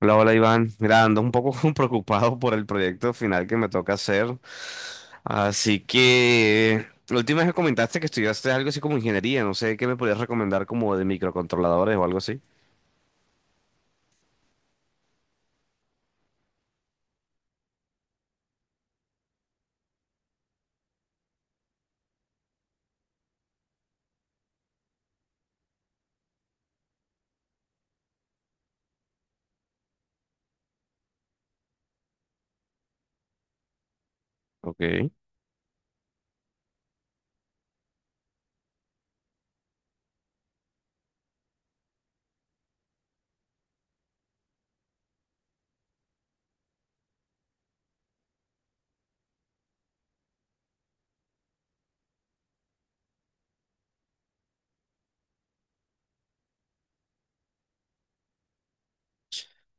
Hola, hola Iván. Mira, ando un poco preocupado por el proyecto final que me toca hacer. Así que la última vez que comentaste que estudiaste algo así como ingeniería, no sé qué me podrías recomendar como de microcontroladores o algo así. Ok.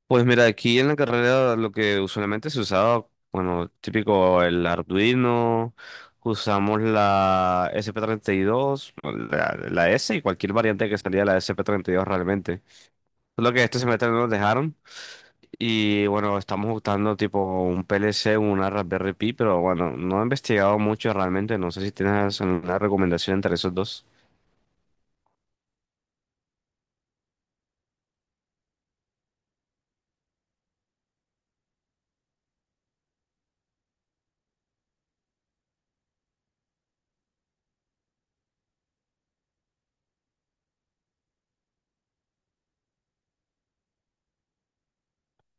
Pues mira, aquí en la carrera lo que usualmente se usaba, bueno, típico el Arduino, usamos la S P SP32, la S y cualquier variante que salía de la SP32 realmente. Solo que este semestre no nos dejaron. Y bueno, estamos buscando tipo un PLC, una Raspberry Pi, pero bueno, no he investigado mucho realmente. No sé si tienes alguna recomendación entre esos dos.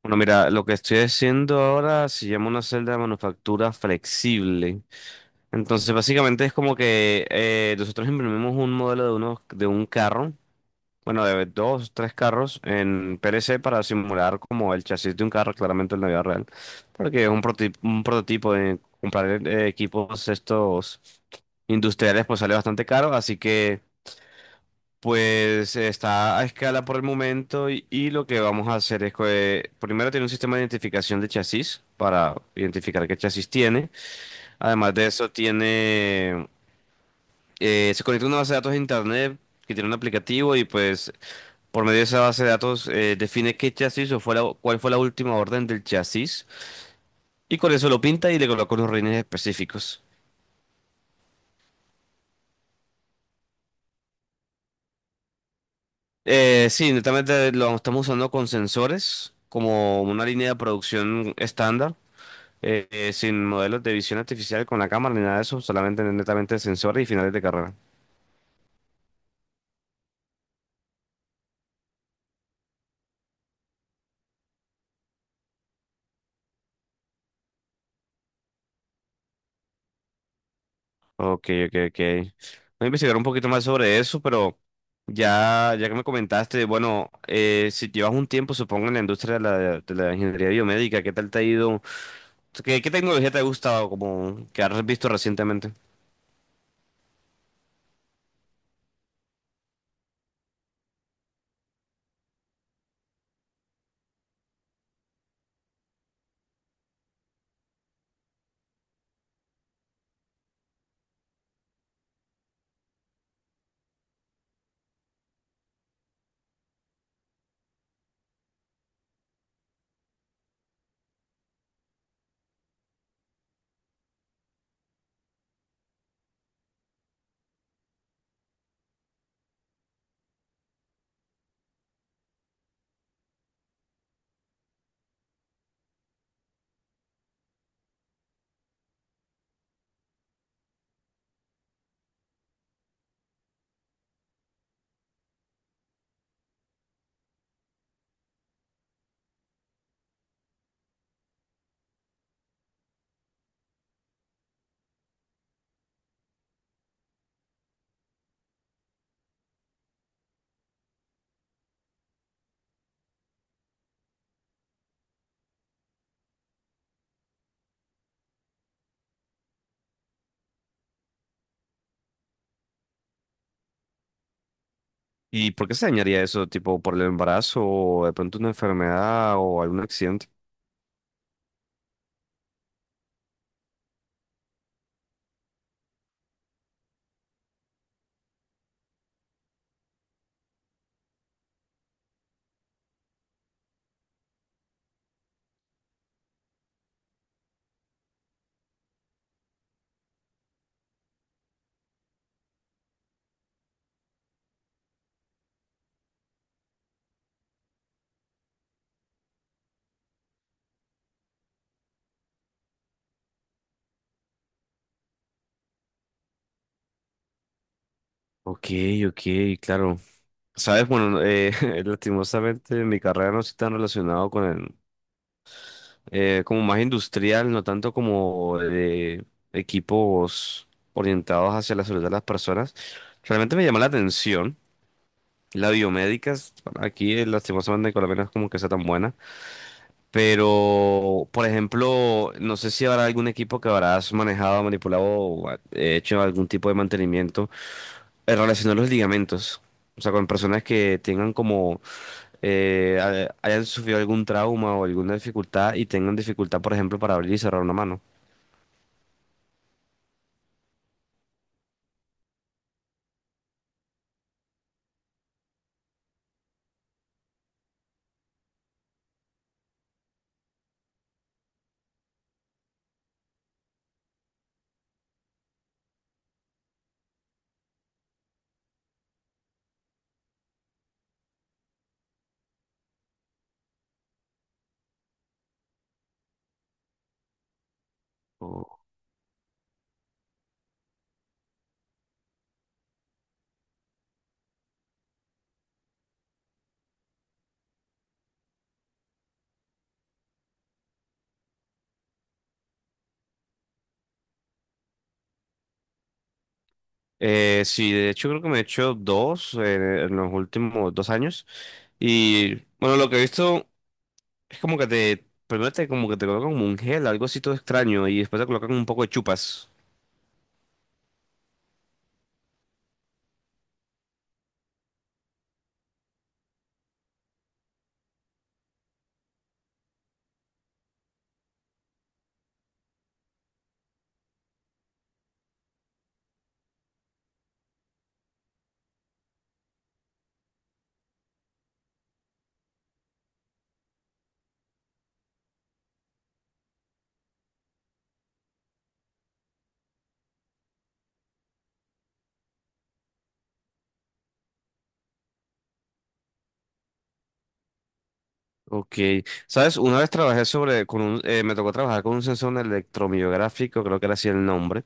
Bueno, mira, lo que estoy haciendo ahora se llama una celda de manufactura flexible. Entonces, básicamente es como que nosotros imprimimos un modelo de un carro. Bueno, de dos, tres carros en PLC para simular como el chasis de un carro, claramente en la vida real. Porque es un prototipo de comprar equipos estos industriales, pues sale bastante caro. Así que, pues está a escala por el momento. Y lo que vamos a hacer es que primero tiene un sistema de identificación de chasis para identificar qué chasis tiene. Además de eso, tiene se conecta a una base de datos de internet que tiene un aplicativo y pues. Por medio de esa base de datos, define qué chasis o cuál fue la última orden del chasis y con eso lo pinta y le coloca unos rines específicos. Sí, netamente lo estamos usando con sensores como una línea de producción estándar, sin modelos de visión artificial con la cámara ni nada de eso, solamente netamente sensores y finales de carrera. Ok, ok, ok. Voy a investigar un poquito más sobre eso, pero ya que me comentaste, bueno, si llevas un tiempo, supongo, en la industria de la ingeniería biomédica, ¿qué tal te ha ido? ¿Qué tecnología te ha gustado como que has visto recientemente? ¿Y por qué se dañaría eso, tipo por el embarazo o de pronto una enfermedad o algún accidente? Ok, ok, claro. Sabes, bueno, lastimosamente mi carrera no está tan relacionado con el, como más industrial, no tanto como de equipos orientados hacia la salud de las personas. Realmente me llama la atención la biomédica, aquí lastimosamente en Colombia no es como que sea tan buena. Pero, por ejemplo, no sé si habrá algún equipo que habrás manejado, manipulado o hecho algún tipo de mantenimiento relacionado a los ligamentos. O sea, con personas que tengan como, hayan sufrido algún trauma o alguna dificultad y tengan dificultad, por ejemplo, para abrir y cerrar una mano. O- sí, de hecho creo que me he hecho dos en los últimos 2 años. Y bueno, lo que he visto es como que te, primero te, como que te colocan como un gel, algo así todo extraño, y después te colocan un poco de chupas. Ok, sabes, una vez trabajé sobre, con un, me tocó trabajar con un sensor electromiográfico, creo que era así el nombre.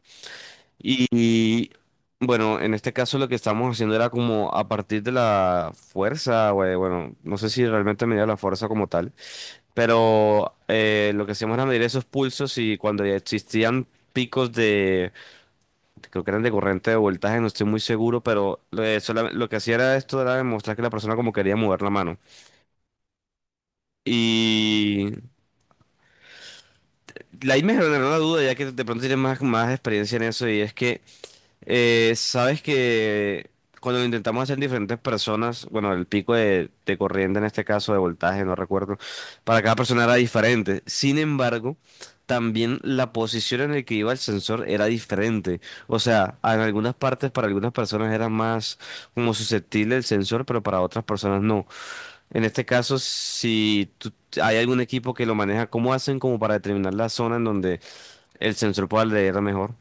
Y bueno, en este caso lo que estábamos haciendo era como a partir de la fuerza, güey, bueno, no sé si realmente medía la fuerza como tal, pero lo que hacíamos era medir esos pulsos y cuando ya existían picos creo que eran de corriente de voltaje, no estoy muy seguro, pero lo que hacía era esto, era demostrar que la persona como quería mover la mano. Y La ahí me generó una duda, ya que de pronto tienes más, más experiencia en eso, y es que, sabes que cuando lo intentamos hacer en diferentes personas, bueno, el pico de corriente en este caso, de voltaje, no recuerdo, para cada persona era diferente. Sin embargo, también la posición en la que iba el sensor era diferente. O sea, en algunas partes para algunas personas era más como susceptible el sensor, pero para otras personas no. En este caso, si tú- hay algún equipo que lo maneja, ¿cómo hacen como para determinar la zona en donde el sensor pueda leer mejor?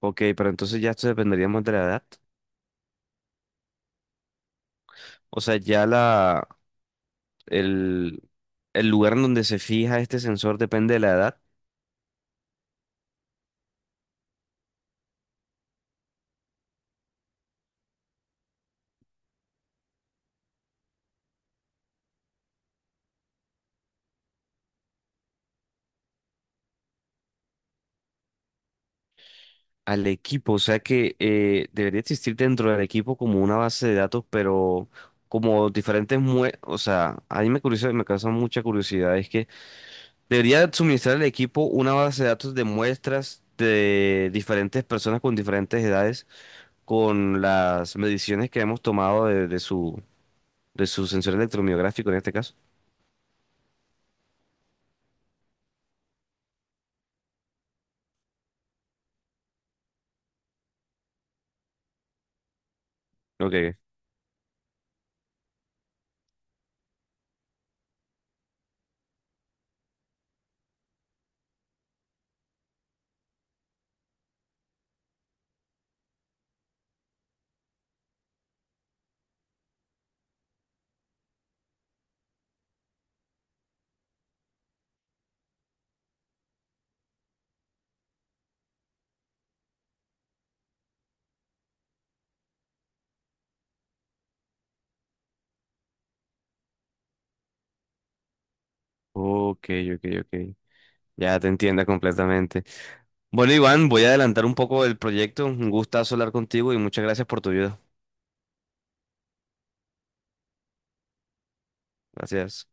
Ok, pero entonces ya esto dependería más de la edad. O sea, ya el, el lugar en donde se fija este sensor depende de la edad al equipo. O sea que debería existir dentro del equipo como una base de datos, pero como O sea, a mí me curiosa, me causa mucha curiosidad. Es que debería suministrar al equipo una base de datos de muestras de diferentes personas con diferentes edades, con las mediciones que hemos tomado de su sensor electromiográfico en este caso. Ok, ok, ok, ok. Ya te entienda completamente. Bueno, Iván, voy a adelantar un poco el proyecto. Un gustazo hablar contigo y muchas gracias por tu ayuda. Gracias.